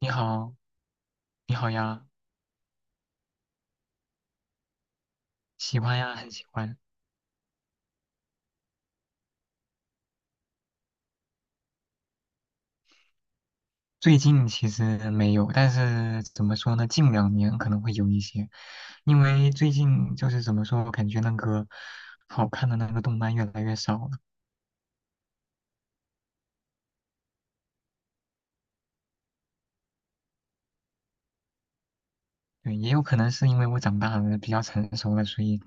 你好，你好呀，喜欢呀，很喜欢。最近其实没有，但是怎么说呢？近两年可能会有一些，因为最近就是怎么说，我感觉那个好看的那个动漫越来越少了。对，也有可能是因为我长大了，比较成熟了，所以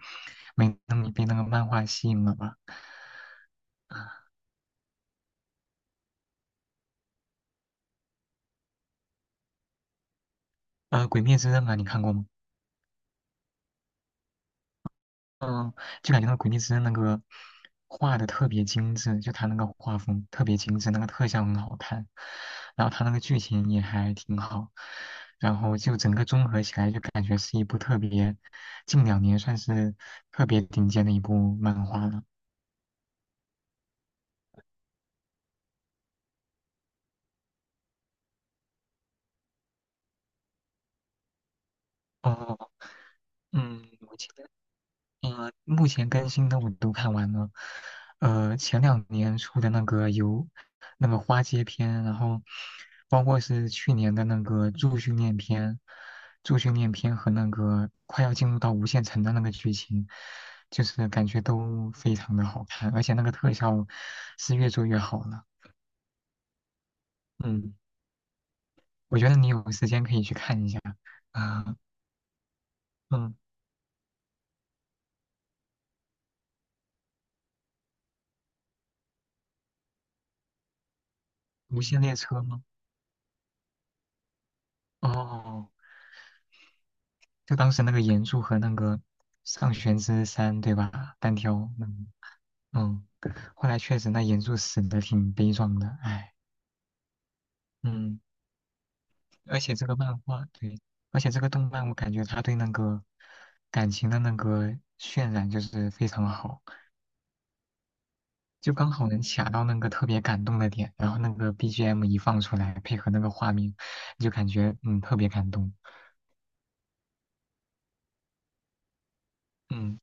没那么被那个漫画吸引了吧。啊《鬼灭之刃》啊，你看过吗？就感觉那个《鬼灭之刃那个画的特别精致，就他那个画风特别精致，那个特效很好看，然后他那个剧情也还挺好，然后就整个综合起来就感觉是一部特别近两年算是特别顶尖的一部漫画了。哦，嗯，我记得目前更新的我都看完了。前两年出的那个游，那个花街篇，然后包括是去年的那个助训练篇，助训练篇和那个快要进入到无限城的那个剧情，就是感觉都非常的好看，而且那个特效是越做越好了。嗯，我觉得你有时间可以去看一下。啊、嗯，无限列车吗？哦。就当时那个岩柱和那个上弦之山，对吧？单挑，嗯嗯，后来确实那岩柱死的挺悲壮的，唉，嗯，而且这个漫画，对，而且这个动漫，我感觉他对那个感情的那个渲染就是非常好，就刚好能卡到那个特别感动的点，然后那个 BGM 一放出来，配合那个画面，就感觉特别感动，嗯，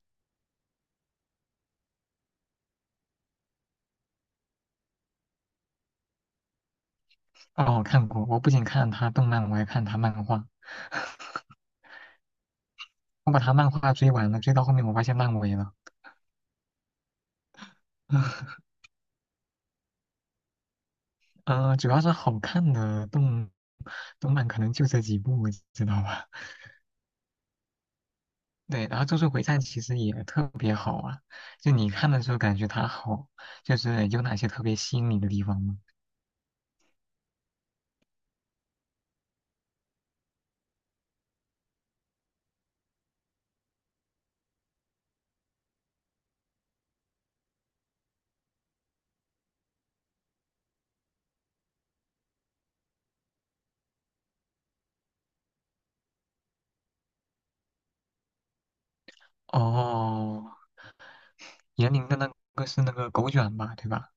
哦，我看过，我不仅看他动漫，我还看他漫画。我把他漫画追完了，追到后面我发现烂尾了。主要是好看的动漫可能就这几部，知道吧？对，然后《咒术回战》其实也特别好啊，就你看的时候感觉它好，就是有哪些特别吸引你的地方吗？哦，言灵的那个是那个狗卷吧，对吧？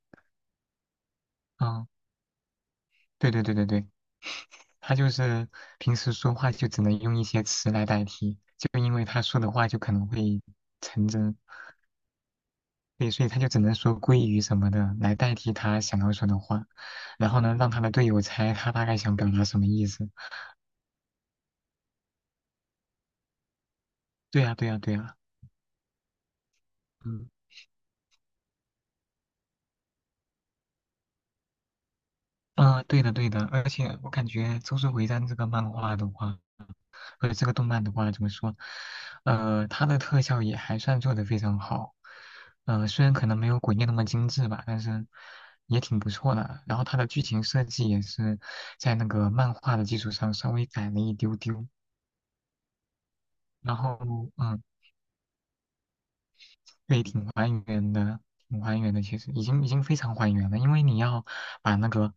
嗯，对对对对对，他就是平时说话就只能用一些词来代替，就因为他说的话就可能会成真，对，所以他就只能说鲑鱼什么的来代替他想要说的话，然后呢，让他的队友猜他大概想表达什么意思。对呀，对呀，对呀，嗯，对的，对的，而且我感觉《周术回战》这个漫画的话，或者这个动漫的话，怎么说？它的特效也还算做得非常好，虽然可能没有《鬼灭》那么精致吧，但是也挺不错的。然后它的剧情设计也是在那个漫画的基础上稍微改了一丢丢。然后，嗯、对，挺还原的，挺还原的。其实已经非常还原了，因为你要把那个，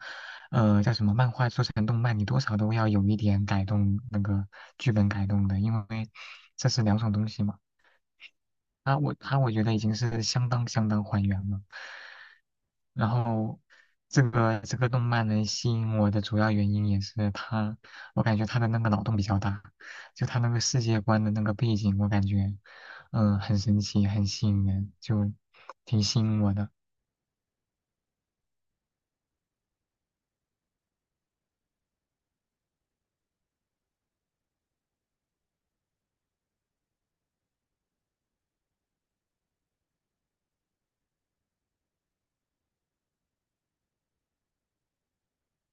叫什么漫画做成动漫，你多少都要有一点改动那个剧本改动的，因为这是两种东西嘛。他我他我觉得已经是相当相当还原了。然后这个动漫能吸引我的主要原因也是它，我感觉它的那个脑洞比较大，就它那个世界观的那个背景，我感觉很神奇，很吸引人，就挺吸引我的。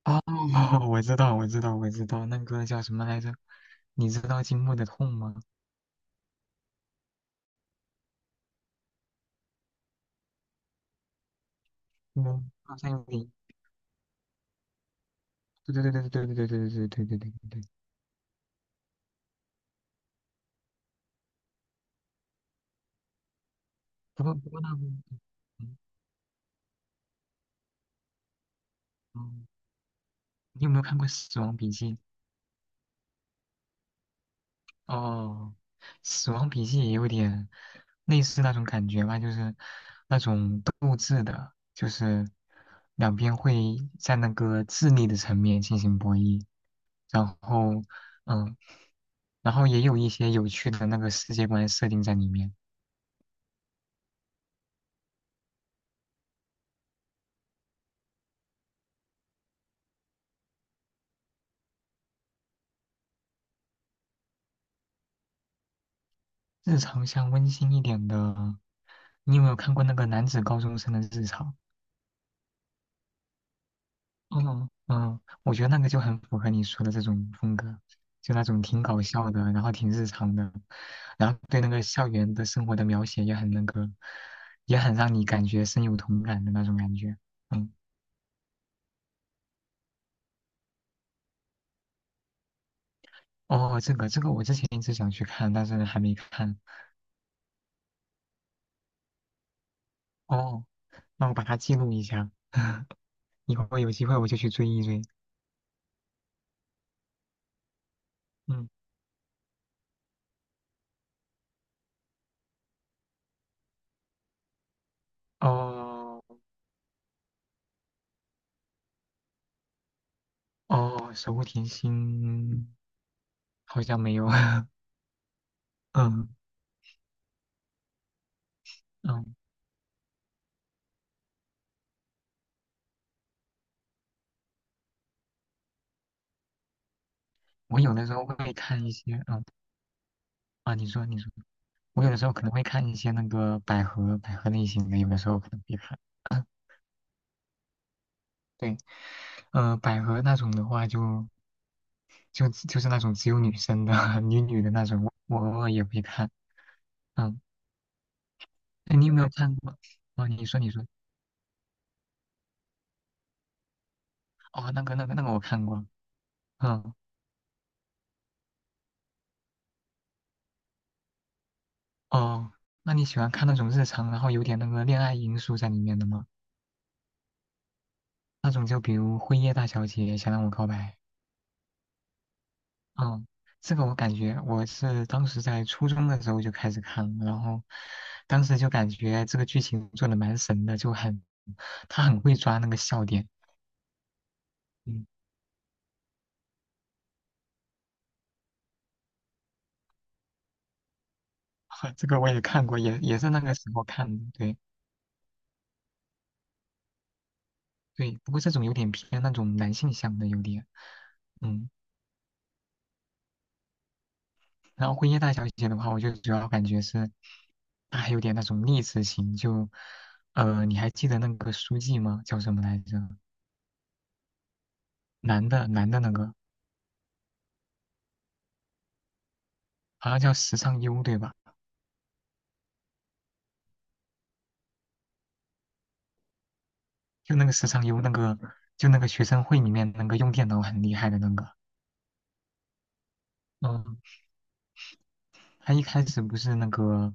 哦，我知道，我知道，我知道，那个叫什么来着？你知道《金木的痛》吗？嗯好像有点，对对对对对对对对对对对对对对。不过那个，嗯嗯，你有没有看过《死亡笔记》？哦，死亡笔记也有点类似那种感觉吧，就是那种斗智的，就是两边会在那个智力的层面进行博弈，然后，嗯，然后也有一些有趣的那个世界观设定在里面。日常像温馨一点的，你有没有看过那个男子高中生的日常？嗯嗯，我觉得那个就很符合你说的这种风格，就那种挺搞笑的，然后挺日常的，然后对那个校园的生活的描写也很那个，也很让你感觉深有同感的那种感觉。嗯，哦，这个我之前一直想去看，但是还没看。哦，那我把它记录一下，以后有机会我就去追一追。嗯，哦哦，守护甜心好像没有。嗯嗯，我有的时候会看一些，嗯。啊，你说你说，我有的时候可能会看一些那个百合类型的，有的时候可能会看。啊。对，百合那种的话就，就是那种只有女生的 女女的那种，我偶尔也会看。嗯，哎，你有没有看过？哦，你说你说，哦，那个我看过。嗯，哦，那你喜欢看那种日常，然后有点那个恋爱因素在里面的吗？那种就比如《辉夜大小姐想让我告白》。嗯，这个我感觉我是当时在初中的时候就开始看了，然后当时就感觉这个剧情做的蛮神的，他很会抓那个笑点。嗯，这个我也看过，也是那个时候看的。对对，不过这种有点偏那种男性向的有点。嗯，然后《辉夜大小姐》的话，我就主要感觉是她还有点那种励志型，你还记得那个书记吗？叫什么来着？男的那个好像叫时尚优，对吧？就那个时常有那个，就那个学生会里面那个用电脑很厉害的那个，嗯，他一开始不是那个，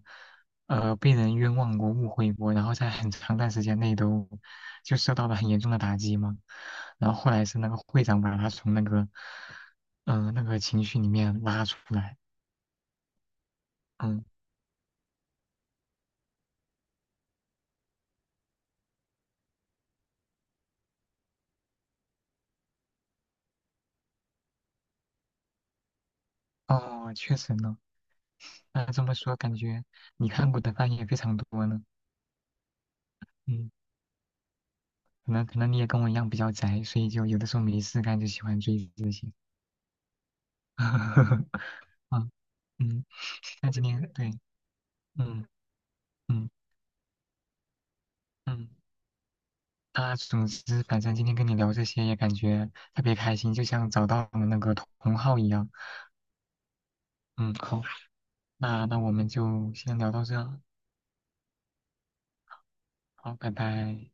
被人冤枉过、误会过，然后在很长段时间内都就受到了很严重的打击嘛，然后后来是那个会长把他从那个，那个情绪里面拉出来，嗯，哦，确实呢，那这么说感觉你看过的番也非常多呢，嗯，可能你也跟我一样比较宅，所以就有的时候没事干就喜欢追这些。啊，嗯，那今天对，嗯嗯嗯，那总之，反正今天跟你聊这些也感觉特别开心，就像找到了那个同号一样。嗯，好，那我们就先聊到这，好，拜拜。